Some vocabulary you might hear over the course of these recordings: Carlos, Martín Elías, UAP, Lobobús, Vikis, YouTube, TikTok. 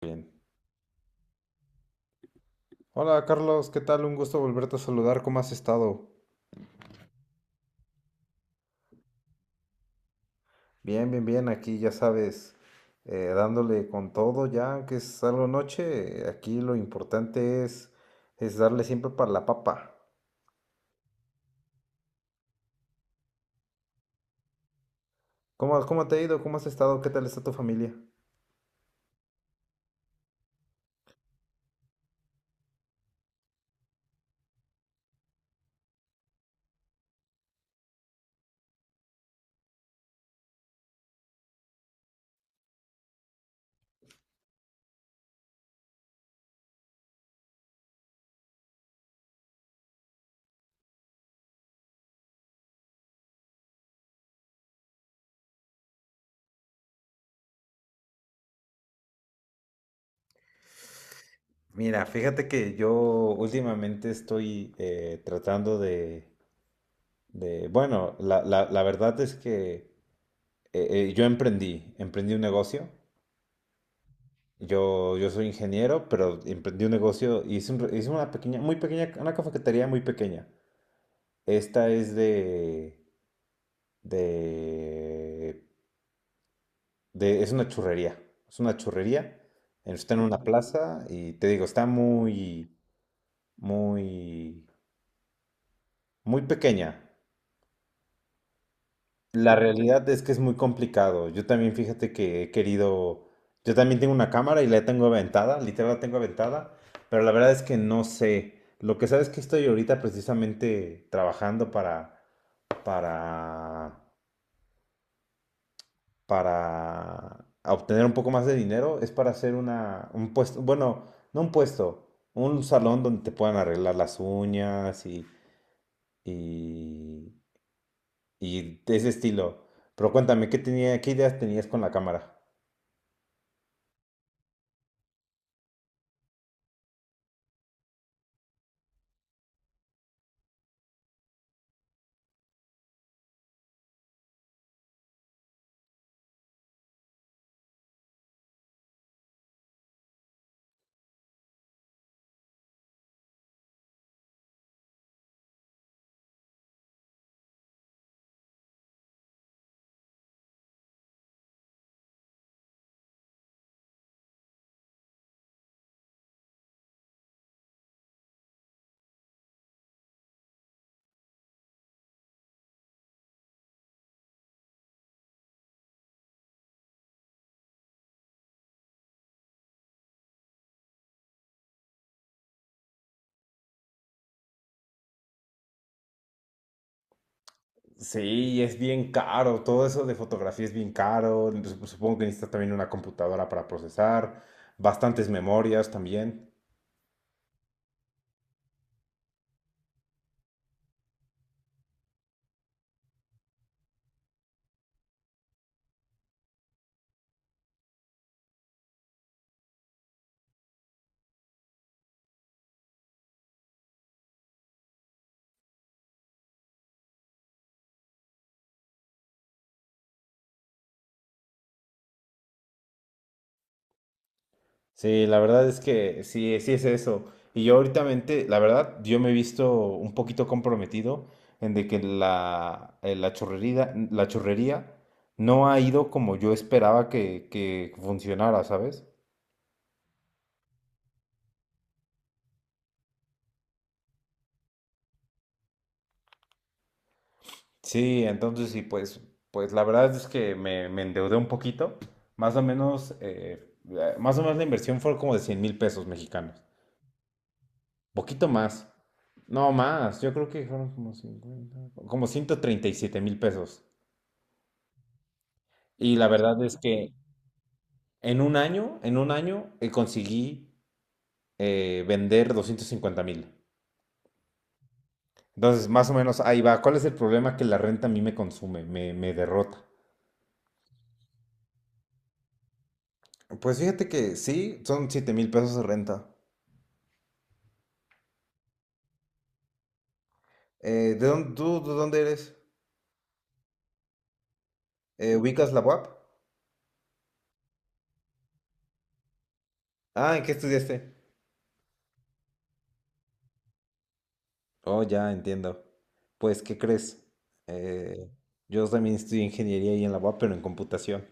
Bien. Hola Carlos, ¿qué tal? Un gusto volverte a saludar. ¿Cómo has estado? Bien, bien, bien, aquí ya sabes, dándole con todo ya, que es algo noche, aquí lo importante es darle siempre para la papa. ¿Cómo te ha ido? ¿Cómo has estado? ¿Qué tal está tu familia? Mira, fíjate que yo últimamente estoy tratando bueno, la verdad es que yo emprendí un negocio. Yo soy ingeniero, pero emprendí un negocio y hice, hice una pequeña, muy pequeña, una cafetería muy pequeña. Esta es de, es una churrería. Es una churrería. Está en una plaza y te digo, está muy, muy pequeña. La realidad es que es muy complicado. Yo también, fíjate que he querido, yo también tengo una cámara y la tengo aventada, literal la tengo aventada, pero la verdad es que no sé. Lo que sabes es que estoy ahorita precisamente trabajando para, para obtener un poco más de dinero, es para hacer un puesto, bueno, no un puesto, un salón donde te puedan arreglar las uñas y, y de ese estilo. Pero cuéntame, ¿qué ideas tenías con la cámara? Sí, y es bien caro, todo eso de fotografía es bien caro, supongo que necesitas también una computadora para procesar, bastantes memorias también. Sí, la verdad es que sí, sí es eso. Y yo ahorita, la verdad, yo me he visto un poquito comprometido en de que la chorrería no ha ido como yo esperaba que funcionara, ¿sabes? Sí, entonces sí, pues, pues la verdad es que me endeudé un poquito. Más o menos, más o menos la inversión fue como de 100,000 pesos mexicanos. Poquito más. No más, yo creo que fueron como 50, como 137,000 pesos. Y la verdad es que en un año conseguí vender 250,000. Entonces, más o menos ahí va. ¿Cuál es el problema? Que la renta a mí me consume, me derrota. Pues fíjate que sí, son 7,000 pesos de renta. ¿De dónde eres? ¿Ubicas la UAP? Ah, ¿en qué estudiaste? Oh, ya entiendo. Pues, ¿qué crees? Eh, yo también estudié ingeniería y en la UAP, pero en computación.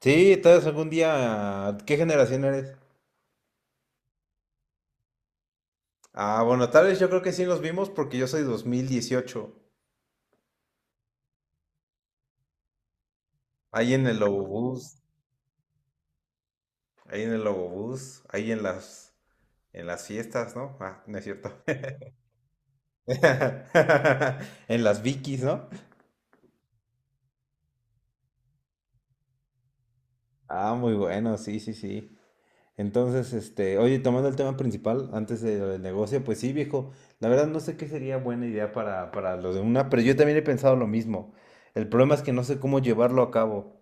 Sí, tal vez algún día. ¿Qué generación eres? Ah, bueno, tal vez yo creo que sí nos vimos porque yo soy 2018. Ahí en el Lobobús, Ahí en el Lobobús, ahí en en las fiestas, ¿no? Ah, no es cierto. En las Vikis, ¿no? Ah, muy bueno, sí, sí, sí. Entonces, este, oye, tomando el tema principal, antes de lo del negocio, pues sí, viejo, la verdad no sé qué sería buena idea para lo de una, pero yo también he pensado lo mismo. El problema es que no sé cómo llevarlo a cabo.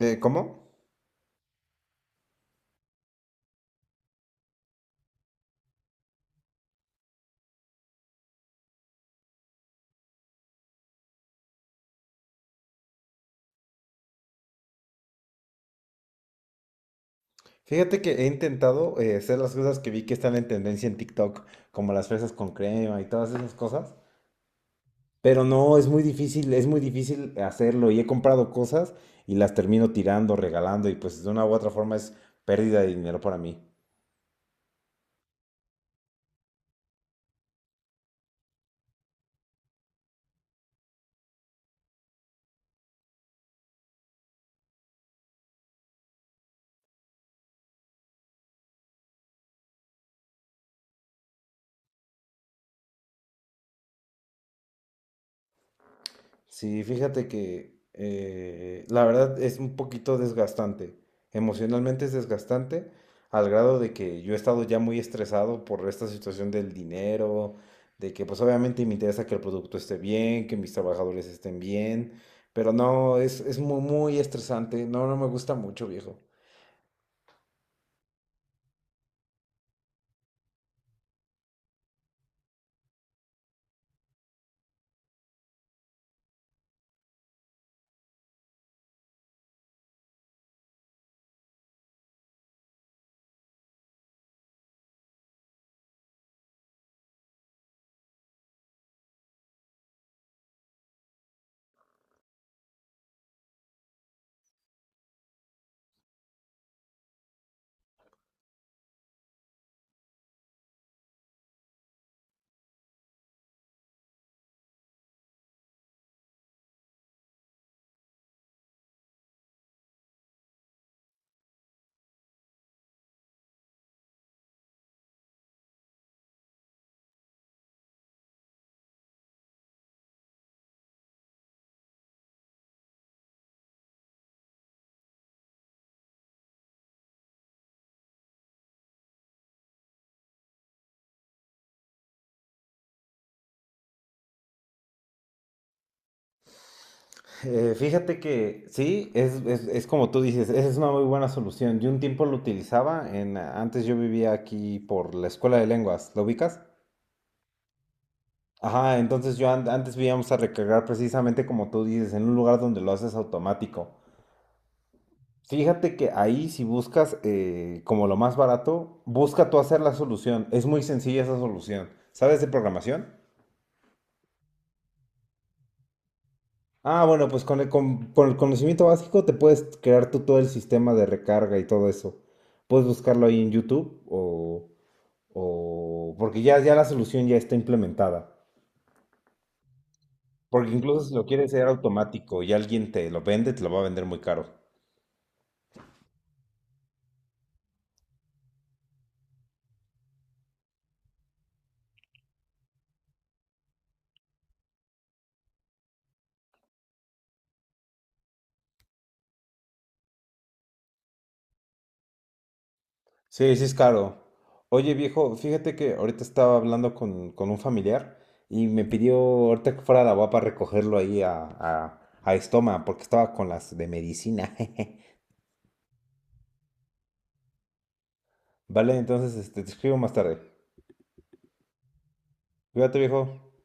¿Cómo? Fíjate que he intentado hacer las cosas que vi que están en tendencia en TikTok, como las fresas con crema y todas esas cosas, pero no, es muy difícil hacerlo y he comprado cosas y las termino tirando, regalando y pues de una u otra forma es pérdida de dinero para mí. Sí, fíjate que la verdad es un poquito desgastante. Emocionalmente es desgastante al grado de que yo he estado ya muy estresado por esta situación del dinero, de que pues obviamente me interesa que el producto esté bien, que mis trabajadores estén bien, pero no, es muy, muy estresante. No, no me gusta mucho, viejo. Fíjate que sí, es como tú dices, esa es una muy buena solución. Yo un tiempo lo utilizaba, en, antes yo vivía aquí por la escuela de lenguas, ¿lo ubicas? Ajá, entonces yo antes íbamos a recargar precisamente como tú dices, en un lugar donde lo haces automático. Fíjate que ahí si buscas como lo más barato, busca tú hacer la solución. Es muy sencilla esa solución. ¿Sabes de programación? Ah, bueno, pues con con el conocimiento básico te puedes crear tú todo el sistema de recarga y todo eso. Puedes buscarlo ahí en YouTube o porque ya la solución ya está implementada. Porque incluso si lo quieres hacer automático y alguien te lo vende, te lo va a vender muy caro. Sí, sí es caro. Oye, viejo, fíjate que ahorita estaba hablando con un familiar y me pidió ahorita que fuera a la UAP recogerlo ahí a Estoma, porque estaba con las de medicina. Vale, entonces este, te escribo más tarde. Cuídate, viejo.